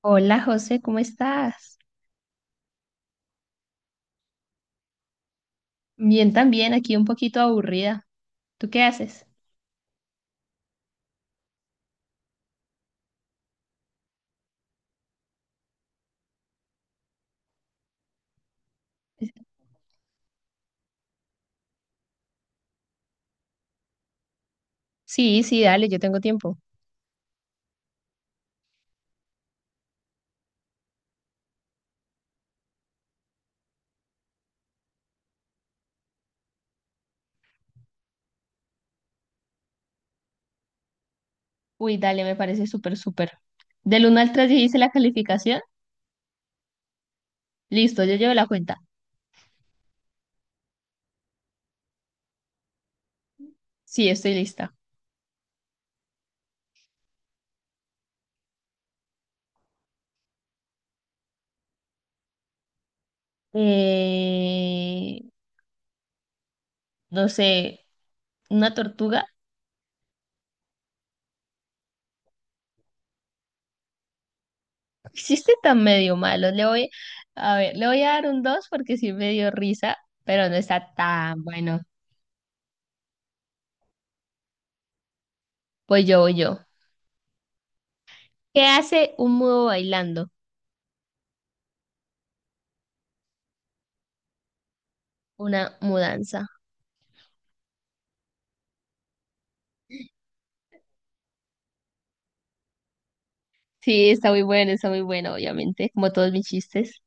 Hola José, ¿cómo estás? Bien también, aquí un poquito aburrida. ¿Tú qué haces? Sí, sí, dale, yo tengo tiempo. Uy, dale, me parece súper, súper. Del uno al 3 hice la calificación. Listo, yo llevo la cuenta. Sí, estoy lista. Eh, no sé, una tortuga. Hiciste tan medio malo. A ver, le voy a dar un 2 porque sí me dio risa, pero no está tan bueno. Pues voy yo. ¿Qué hace un mudo bailando? Una mudanza. Sí, está muy bueno, obviamente, como todos mis chistes.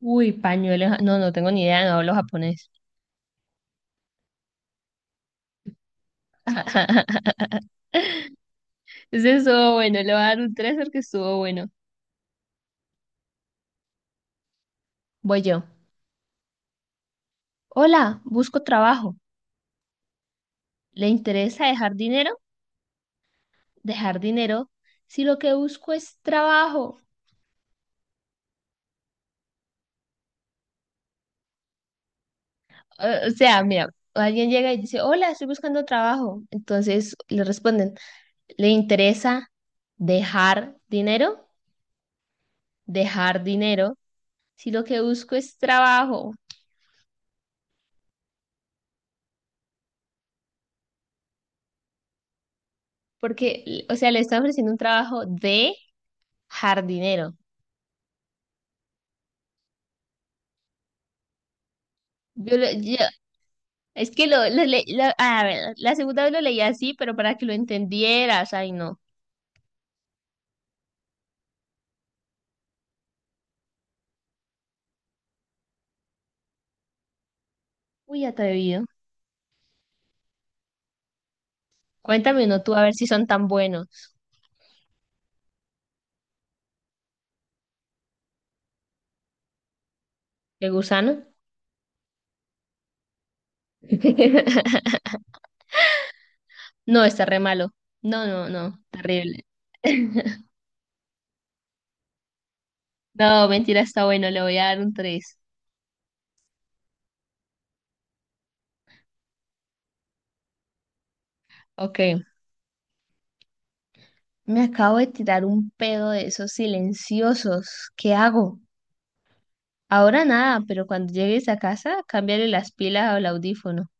Uy, pañuelos. No, no tengo ni idea, no hablo japonés. Ese estuvo bueno, le voy a dar un tres porque estuvo bueno. Voy yo. Hola, busco trabajo. ¿Le interesa dejar dinero? Dejar dinero. Si lo que busco es trabajo. O sea, mira, alguien llega y dice, hola, estoy buscando trabajo. Entonces le responden, ¿le interesa dejar dinero? Dejar dinero. Si lo que busco es trabajo. Porque, o sea, le está ofreciendo un trabajo de jardinero. Yo, lo- yo- es que lo le- lo- a ver, la segunda vez lo leí así, pero para que lo entendieras, ay no. Uy, atrevido. Cuéntame uno tú a ver si son tan buenos. ¿El gusano? No, está re malo. No, no, no, terrible. No, mentira, está bueno, le voy a dar un tres. Ok. Me acabo de tirar un pedo de esos silenciosos. ¿Qué hago? Ahora nada, pero cuando llegues a casa, cámbiale las pilas al audífono.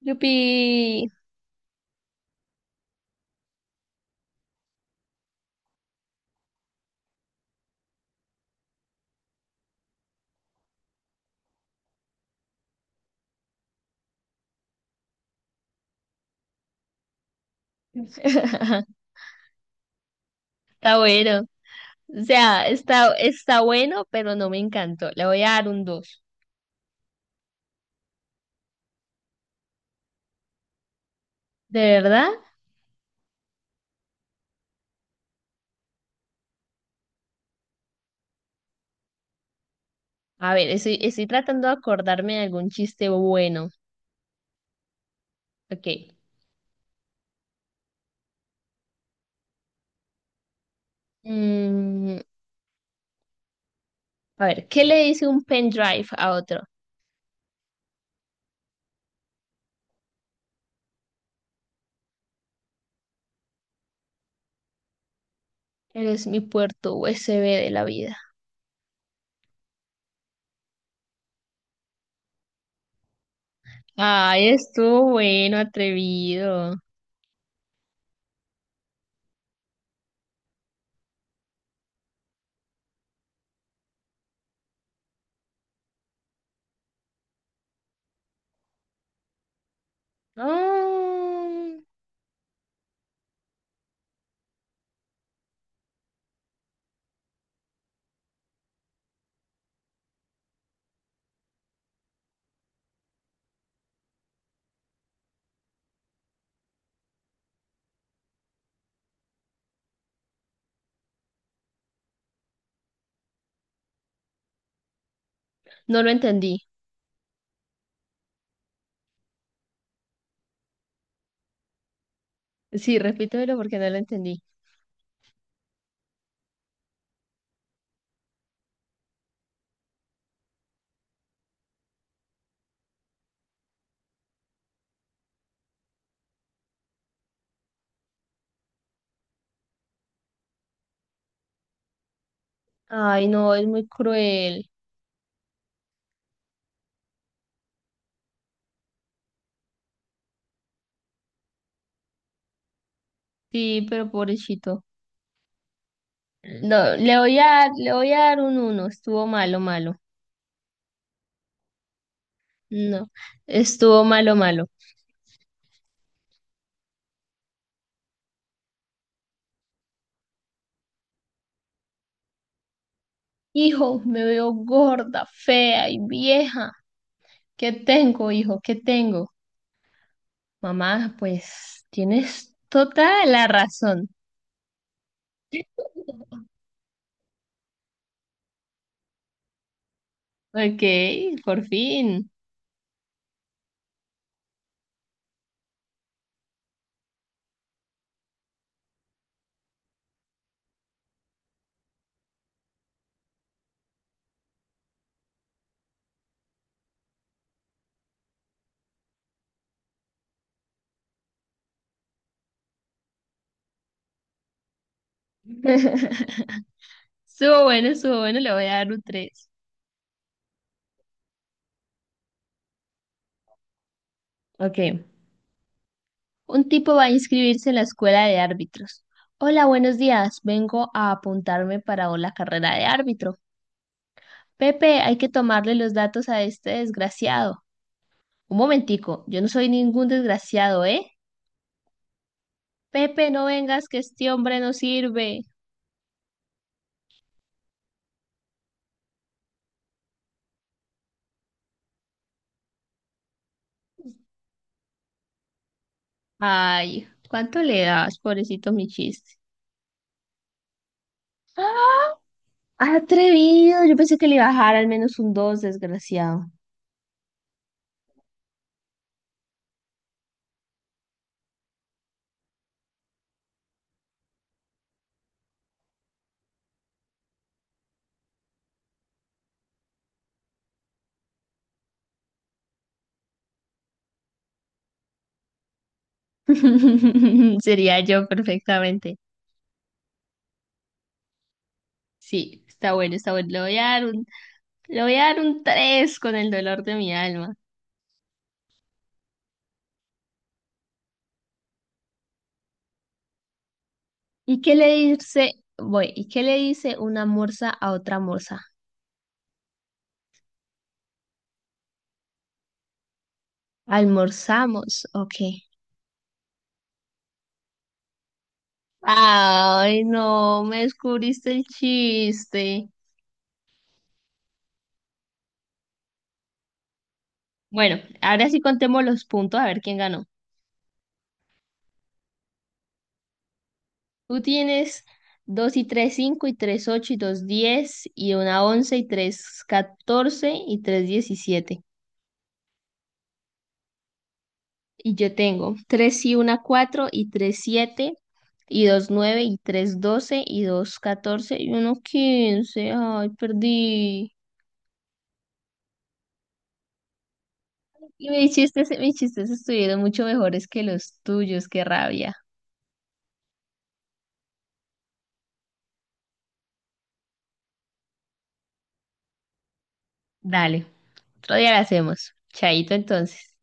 ¡Yupi! Está bueno. O sea, está bueno, pero no me encantó. Le voy a dar un dos. ¿De verdad? A ver, estoy tratando de acordarme de algún chiste bueno. Ok. Mm, a ver, ¿qué le dice un pendrive a otro? Eres mi puerto USB de la vida. Ay, estuvo bueno, atrevido. Ah, no lo entendí. Sí, repítemelo porque no lo entendí. Ay, no, es muy cruel. Sí, pero pobrecito. No, le voy a dar un uno. Estuvo malo, malo. No, estuvo malo, malo. Hijo, me veo gorda, fea y vieja. ¿Qué tengo, hijo? ¿Qué tengo? Mamá, pues tienes toda la razón. Ok, por fin. Estuvo bueno, le voy a dar un 3. Ok. Un tipo va a inscribirse en la escuela de árbitros. Hola, buenos días. Vengo a apuntarme para la carrera de árbitro. Pepe, hay que tomarle los datos a este desgraciado. Un momentico, yo no soy ningún desgraciado, ¿eh? Pepe, no vengas que este hombre no sirve. Ay, ¿cuánto le das, pobrecito mi chiste? ¡Ah! Atrevido, yo pensé que le bajara al menos un dos, desgraciado. Sería yo perfectamente. Sí, está bueno, está bueno. Le voy a dar un 3 con el dolor de mi alma. ¿Y qué le dice, ¿Y qué le dice una morsa a otra morsa? Almorzamos, ok. Ay, no, me descubriste el chiste. Bueno, ahora sí contemos los puntos a ver quién ganó. Tú tienes 2 y 3 5 y 3 8 y 2 10 y una 11 y 3 14 y 3 17. Y yo tengo 3 y una 4 y 3 7 y 2 9 y 3 12 y 2 14 y uno 15. Ay, perdí. Y mis chistes estuvieron mucho mejores que los tuyos, qué rabia. Dale, otro día lo hacemos. Chaito entonces.